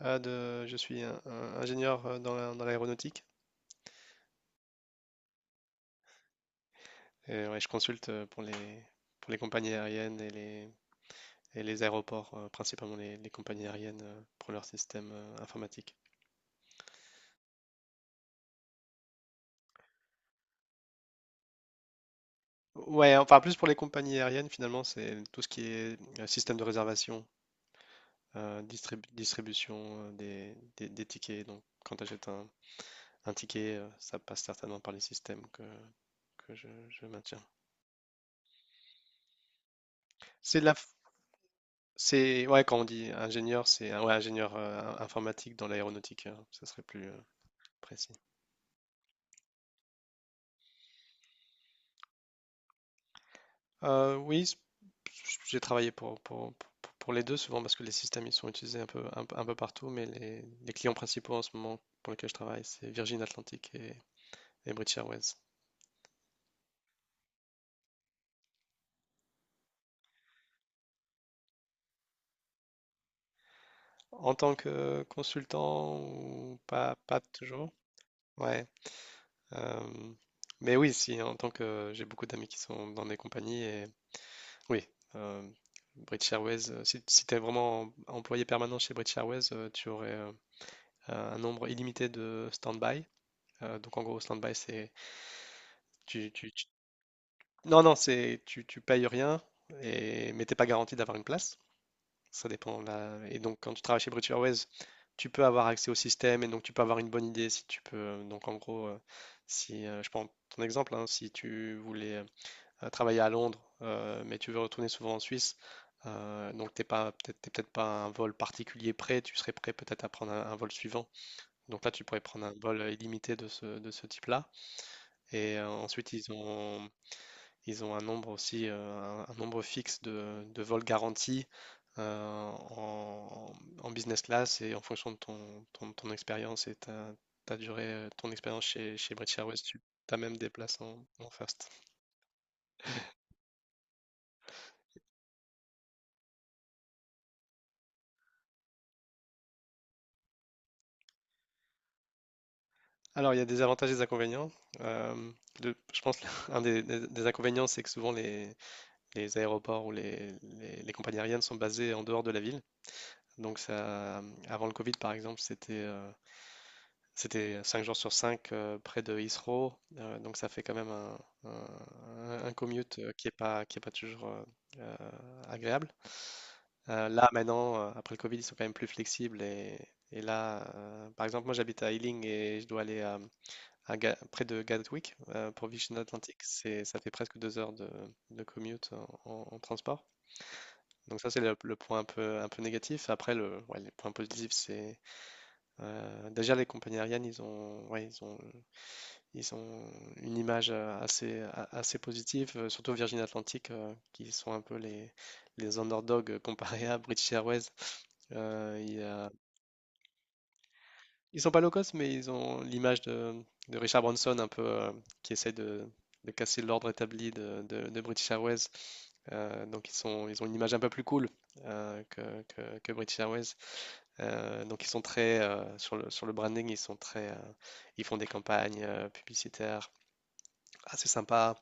Ah, je suis un ingénieur dans l'aéronautique. Et ouais, je consulte pour les compagnies aériennes et les aéroports, principalement les compagnies aériennes pour leur système informatique. Ouais, enfin plus pour les compagnies aériennes finalement, c'est tout ce qui est système de réservation, distribution des, des tickets. Donc quand tu achètes un ticket, ça passe certainement par les systèmes que je maintiens. C'est de la, C'est, ouais, quand on dit ingénieur, ouais, ingénieur informatique dans l'aéronautique, ça serait plus précis. Oui, j'ai travaillé pour les deux souvent parce que les systèmes ils sont utilisés un peu partout, mais les clients principaux en ce moment pour lesquels je travaille, c'est Virgin Atlantic et British Airways. En tant que consultant ou pas toujours, ouais. euh, mais oui, si, en tant que j'ai beaucoup d'amis qui sont dans des compagnies et oui, euh, British Airways, si tu es vraiment employé permanent chez British Airways, tu aurais un nombre illimité de stand-by. Donc en gros, stand-by, c'est... Tu- tu- Non, non, c'est tu payes rien, mais t'es pas garanti d'avoir une place. Ça dépend là. Et donc quand tu travailles chez British Airways, tu peux avoir accès au système et donc tu peux avoir une bonne idée si tu peux. Donc en gros, si je prends ton exemple, hein, si tu voulais travailler à Londres, mais tu veux retourner souvent en Suisse, donc t'es peut-être pas à un vol particulier prêt, tu serais prêt peut-être à prendre un vol suivant. Donc là, tu pourrais prendre un vol illimité de ce type-là. Et ensuite, ils ont un nombre aussi, un nombre fixe de vols garantis euh, en, business class et en fonction de ton expérience et ta durée, ton expérience chez British Airways, tu as même des places en first. Alors, il y a des avantages et des inconvénients. Euh, je pense qu'un des inconvénients, c'est que souvent les aéroports ou les compagnies aériennes sont basées en dehors de la ville. Donc, ça, avant le Covid, par exemple, c'était 5 jours sur 5 près de Heathrow. Donc, ça fait quand même un commute qui est pas toujours euh, agréable. Là, maintenant, après le Covid, ils sont quand même plus flexibles. Et là, par exemple, moi, j'habite à Ealing et je dois aller près de Gatwick, pour Virgin Atlantic, ça fait presque 2 heures de commute en, transport. Donc ça, c'est le point un peu négatif. Après, ouais, les points positifs, c'est déjà les compagnies aériennes, ils ont, ouais, ils ont une image assez positive, surtout Virgin Atlantic, qui sont un peu les underdogs comparés à British Airways. Euh, il y a- Ils sont pas low cost, mais ils ont l'image de Richard Branson un peu qui essaie de casser l'ordre établi de, de British Airways. Donc ils ont une image un peu plus cool que, que British Airways. Donc ils sont très sur sur le branding, ils font des campagnes publicitaires assez sympa.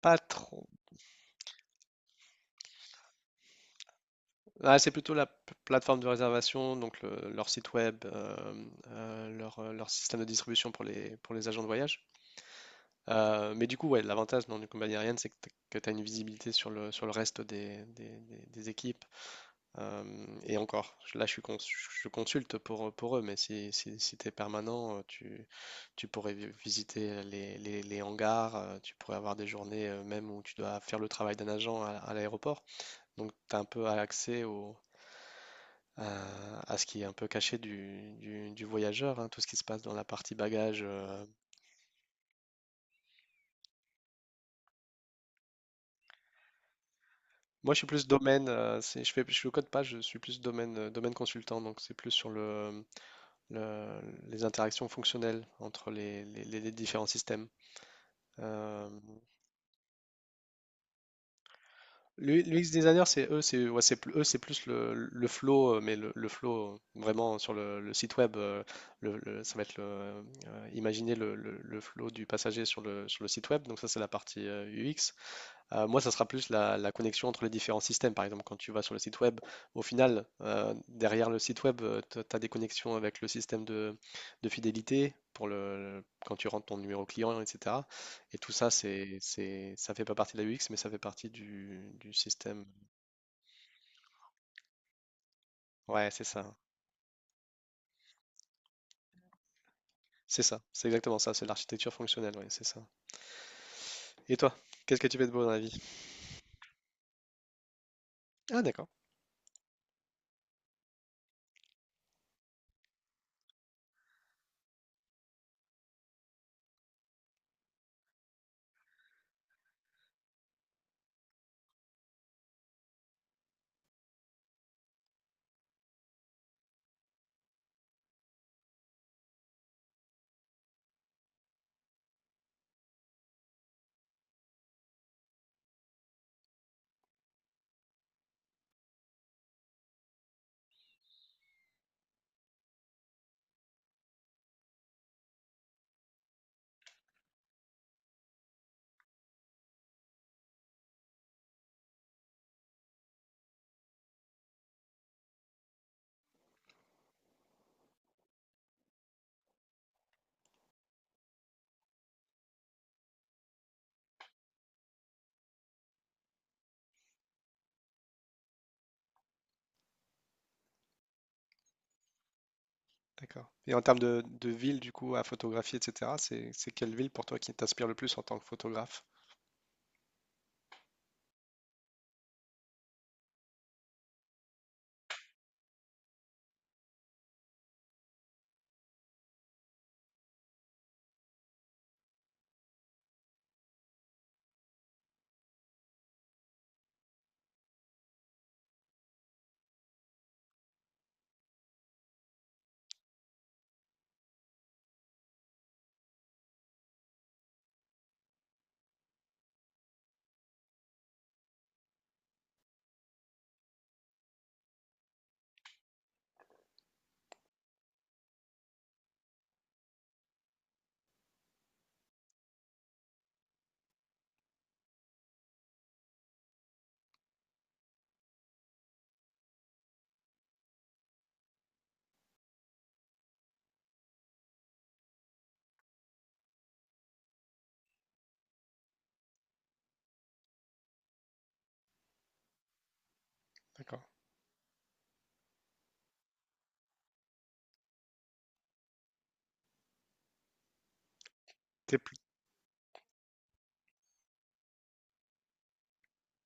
Pas trop. Ah, c'est plutôt plateforme de réservation, donc leur site web, leur système de distribution pour pour les agents de voyage. Mais du coup, ouais, l'avantage dans du combat aérien, c'est que tu as une visibilité sur sur le reste des, des équipes. Et encore, là, je consulte pour eux, mais si tu es permanent, tu pourrais visiter les, les hangars, tu pourrais avoir des journées même où tu dois faire le travail d'un agent à l'aéroport. Donc, tu as un peu accès à ce qui est un peu caché du, du voyageur, hein, tout ce qui se passe dans la partie bagage. Moi, je suis plus domaine, je le code pas, je suis plus domaine, domaine consultant, donc c'est plus sur le, le- les interactions fonctionnelles entre les, les différents systèmes. Euh, L'UX designer, c'est eux, c'est plus, eux, c'est plus le flow, mais le flow vraiment sur le site web, ça va être imaginer le, le flow du passager sur sur le site web, donc ça c'est la partie UX. Moi, ça sera plus la connexion entre les différents systèmes. Par exemple, quand tu vas sur le site web, au final, derrière le site web, tu as des connexions avec le système de fidélité quand tu rentres ton numéro client, etc. Et tout ça, ça fait pas partie de la UX, mais ça fait partie du système. Ouais, c'est ça. C'est ça. C'est exactement ça. C'est l'architecture fonctionnelle. Ouais, c'est ça. Et toi, qu'est-ce que tu fais de beau dans la vie? Ah, d'accord. D'accord. Et en termes de ville, du coup, à photographier, etc., c'est quelle ville pour toi qui t'inspire le plus en tant que photographe? D'accord. T'es plus,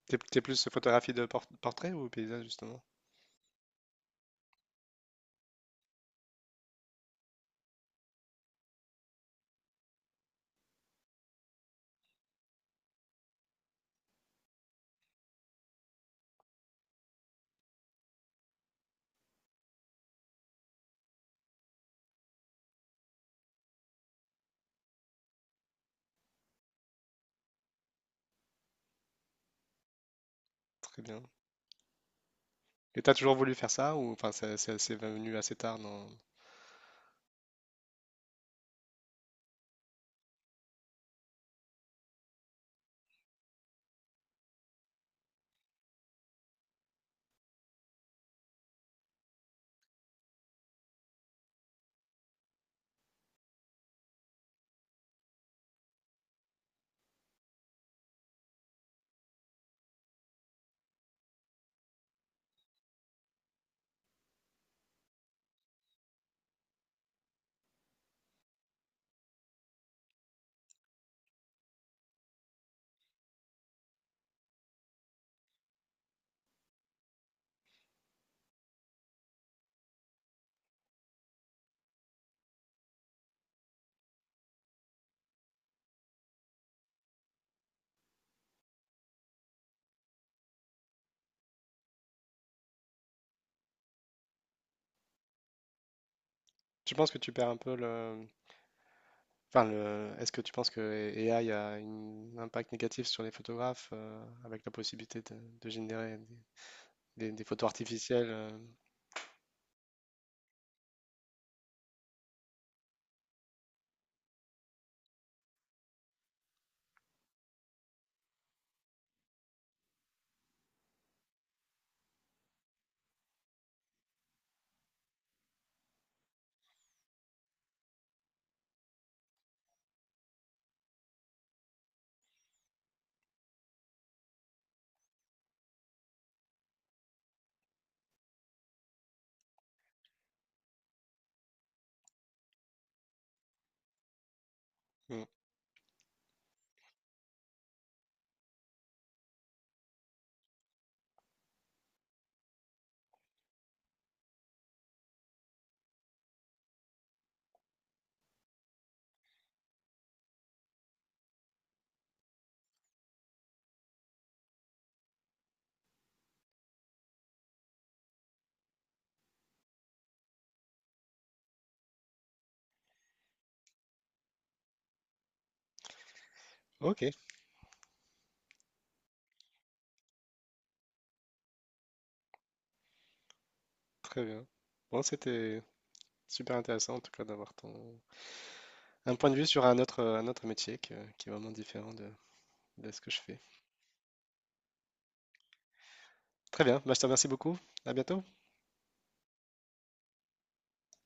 T'es plus photographie de portrait ou paysage justement? Très bien. Et t'as toujours voulu faire ça ou enfin c'est venu assez tard dans... Tu penses que tu perds un peu le... Enfin, le... Est-ce que tu penses que AI a un impact négatif sur les photographes avec la possibilité de générer des, des photos artificielles mm. Ok, très bien. Bon, c'était super intéressant en tout cas d'avoir un point de vue sur un autre métier qui est vraiment différent de ce que je fais. Très bien, bah, je te remercie beaucoup. À bientôt.